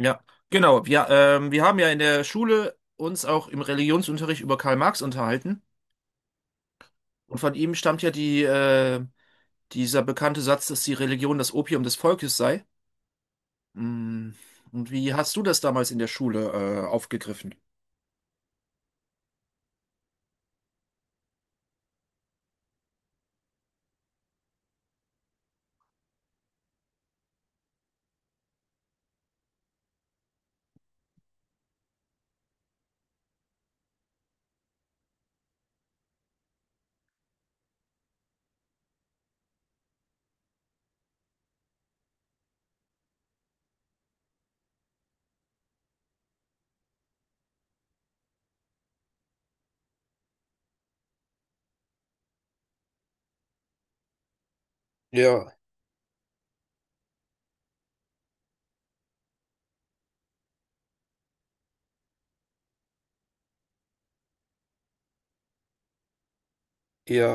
Ja, genau. Wir, wir haben ja in der Schule uns auch im Religionsunterricht über Karl Marx unterhalten. Und von ihm stammt ja dieser bekannte Satz, dass die Religion das Opium des Volkes sei. Mm. Und wie hast du das damals in der Schule, aufgegriffen? Ja, ja,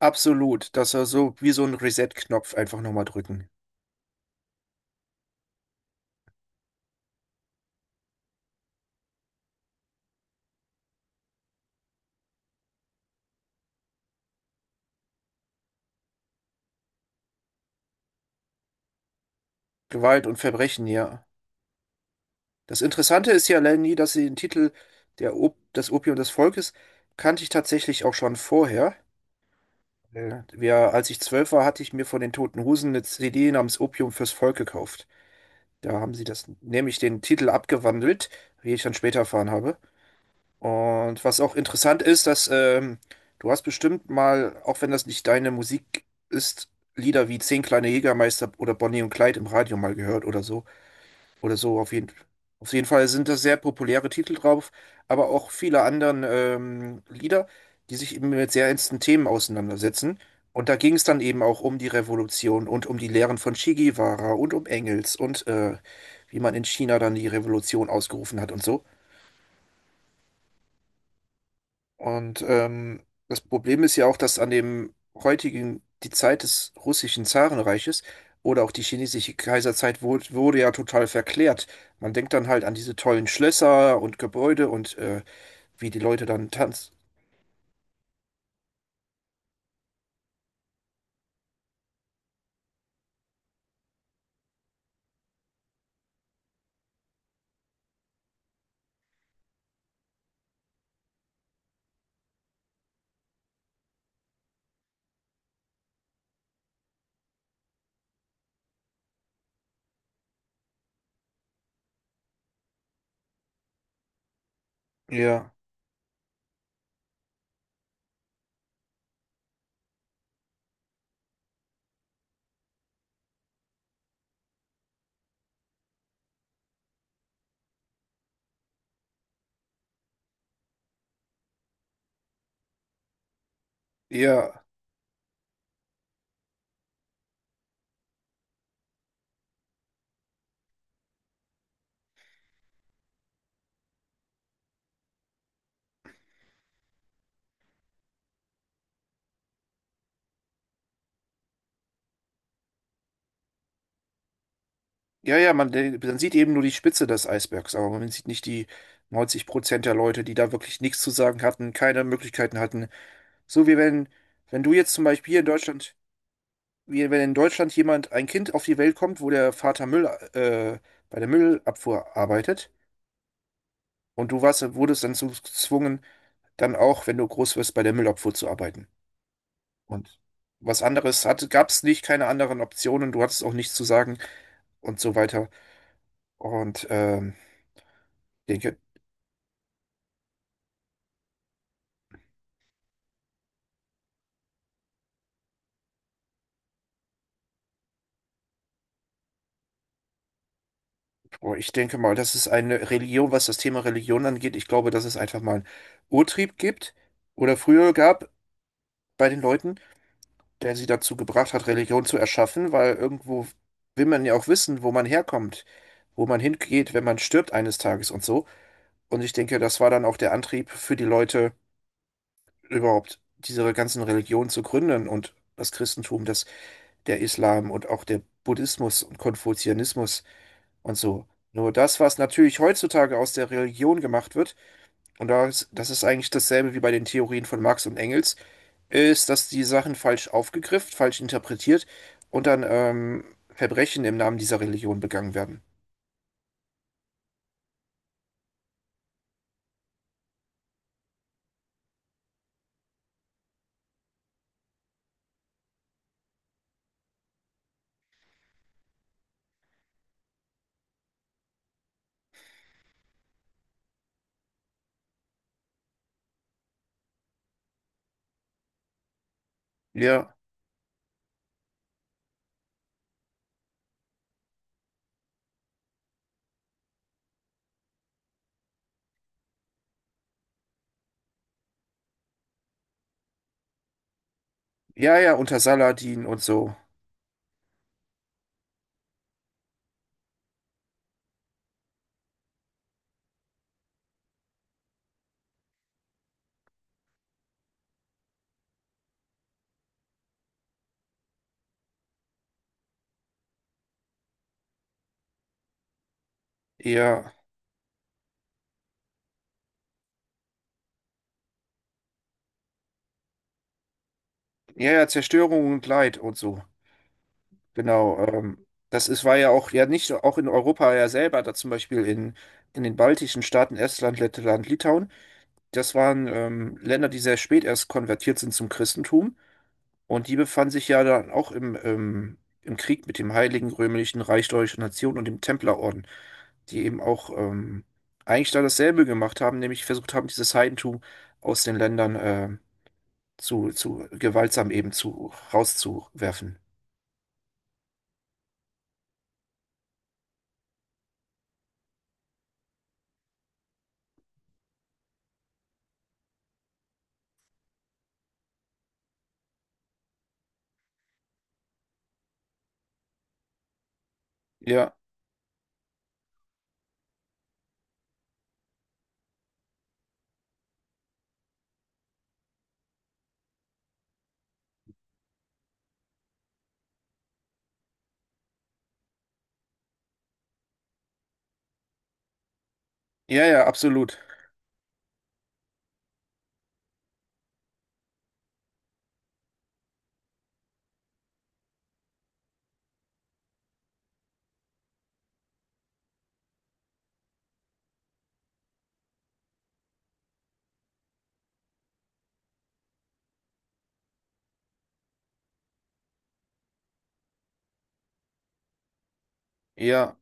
absolut. Das war so wie so ein Reset-Knopf einfach nochmal drücken. Gewalt und Verbrechen, ja. Das Interessante ist ja, Lenny, dass sie den Titel der Op Das Opium des Volkes kannte ich tatsächlich auch schon vorher. Wir, als ich zwölf war, hatte ich mir von den Toten Hosen eine CD namens Opium fürs Volk gekauft. Da haben sie das nämlich den Titel abgewandelt, wie ich dann später erfahren habe. Und was auch interessant ist, dass du hast bestimmt mal, auch wenn das nicht deine Musik ist, Lieder wie Zehn kleine Jägermeister oder Bonnie und Clyde im Radio mal gehört oder so. Oder so, auf jeden Fall sind da sehr populäre Titel drauf, aber auch viele anderen Lieder, die sich eben mit sehr ernsten Themen auseinandersetzen. Und da ging es dann eben auch um die Revolution und um die Lehren von Che Guevara und um Engels und wie man in China dann die Revolution ausgerufen hat und so. Und das Problem ist ja auch, dass an dem heutigen, die Zeit des russischen Zarenreiches oder auch die chinesische Kaiserzeit wurde ja total verklärt. Man denkt dann halt an diese tollen Schlösser und Gebäude und wie die Leute dann tanzen. Ja, ja, ja, ja, man sieht eben nur die Spitze des Eisbergs, aber man sieht nicht die 90 Prozent der Leute, die da wirklich nichts zu sagen hatten, keine Möglichkeiten hatten. So wie wenn, wenn du jetzt zum Beispiel hier in Deutschland. Wie wenn in Deutschland jemand, ein Kind auf die Welt kommt, wo der Vater äh, bei der Müllabfuhr arbeitet und wurdest dann so gezwungen, dann auch, wenn du groß wirst, bei der Müllabfuhr zu arbeiten. Und gab es nicht, keine anderen Optionen, du hattest auch nichts zu sagen und so weiter. Und denke, boah, ich denke mal, das ist eine Religion, was das Thema Religion angeht. Ich glaube, dass es einfach mal einen Urtrieb gibt oder früher gab bei den Leuten, der sie dazu gebracht hat, Religion zu erschaffen, weil irgendwo will man ja auch wissen, wo man herkommt, wo man hingeht, wenn man stirbt eines Tages und so. Und ich denke, das war dann auch der Antrieb für die Leute, überhaupt diese ganzen Religionen zu gründen und das Christentum, das, der Islam und auch der Buddhismus und Konfuzianismus und so. Nur das, was natürlich heutzutage aus der Religion gemacht wird, und das, das ist eigentlich dasselbe wie bei den Theorien von Marx und Engels, ist, dass die Sachen falsch aufgegriffen, falsch interpretiert und dann Verbrechen im Namen dieser Religion begangen werden. Ja, ja, ja, unter Saladin und so. Ja, ja, ja, Zerstörung und Leid und so. Genau. Das ist, war ja auch, ja nicht auch in Europa ja selber, da zum Beispiel in den baltischen Staaten Estland, Lettland, Litauen. Das waren Länder, die sehr spät erst konvertiert sind zum Christentum. Und die befand sich ja dann auch im Krieg mit dem Heiligen Römischen Reich Deutscher Nation und dem Templerorden, die eben auch eigentlich da dasselbe gemacht haben, nämlich versucht haben, dieses Heidentum aus den Ländern zu gewaltsam eben zu rauszuwerfen. Ja, ja, ja, absolut. Ja,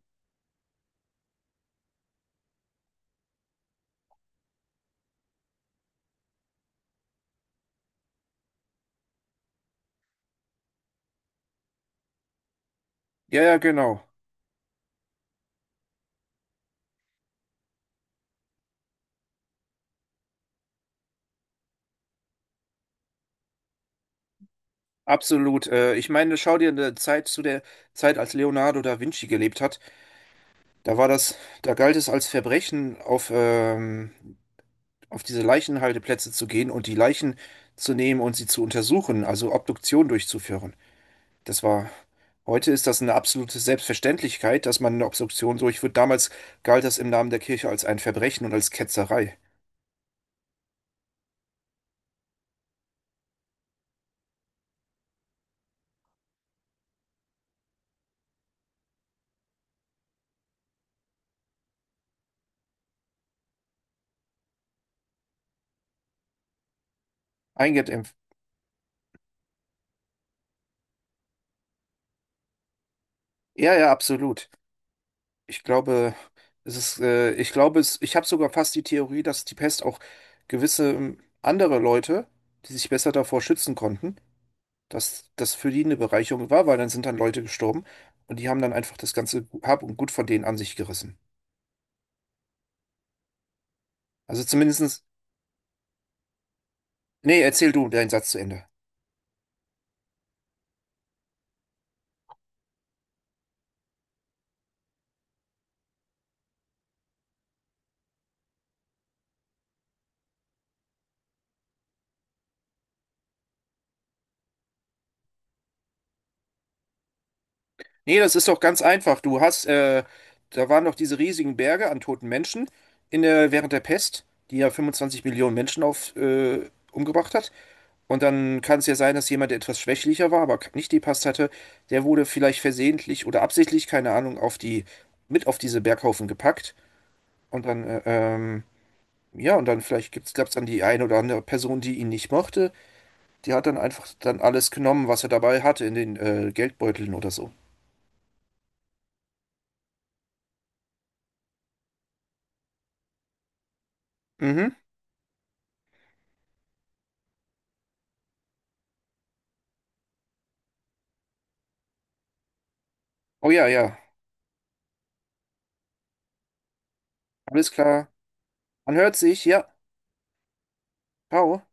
ja, ja, genau. Absolut. Ich meine, schau dir eine Zeit zu der Zeit, als Leonardo da Vinci gelebt hat. Da war das, da galt es als Verbrechen, auf diese Leichenhalteplätze zu gehen und die Leichen zu nehmen und sie zu untersuchen, also Obduktion durchzuführen. Das war, heute ist das eine absolute Selbstverständlichkeit, dass man eine Obduktion durchführt. Damals galt das im Namen der Kirche als ein Verbrechen und als Ketzerei. Eingeimpft. Ja, ja, absolut. Ich glaube, ich glaube, es, ich habe sogar fast die Theorie, dass die Pest auch gewisse andere Leute, die sich besser davor schützen konnten, dass das für die eine Bereicherung war, weil dann sind dann Leute gestorben und die haben dann einfach das ganze Hab und Gut von denen an sich gerissen. Also zumindestens, nee, erzähl du deinen Satz zu Ende. Nee, das ist doch ganz einfach. Da waren doch diese riesigen Berge an toten Menschen in während der Pest, die ja 25 Millionen Menschen umgebracht hat. Und dann kann es ja sein, dass jemand, der etwas schwächlicher war, aber nicht die Pest hatte, der wurde vielleicht versehentlich oder absichtlich, keine Ahnung, mit auf diese Berghaufen gepackt. Und dann, ja, und dann vielleicht gab's dann die eine oder andere Person, die ihn nicht mochte. Die hat dann einfach dann alles genommen, was er dabei hatte in den Geldbeuteln oder so. Mhm. Oh ja, ja. Alles klar. Man hört sich. Ja. Ciao.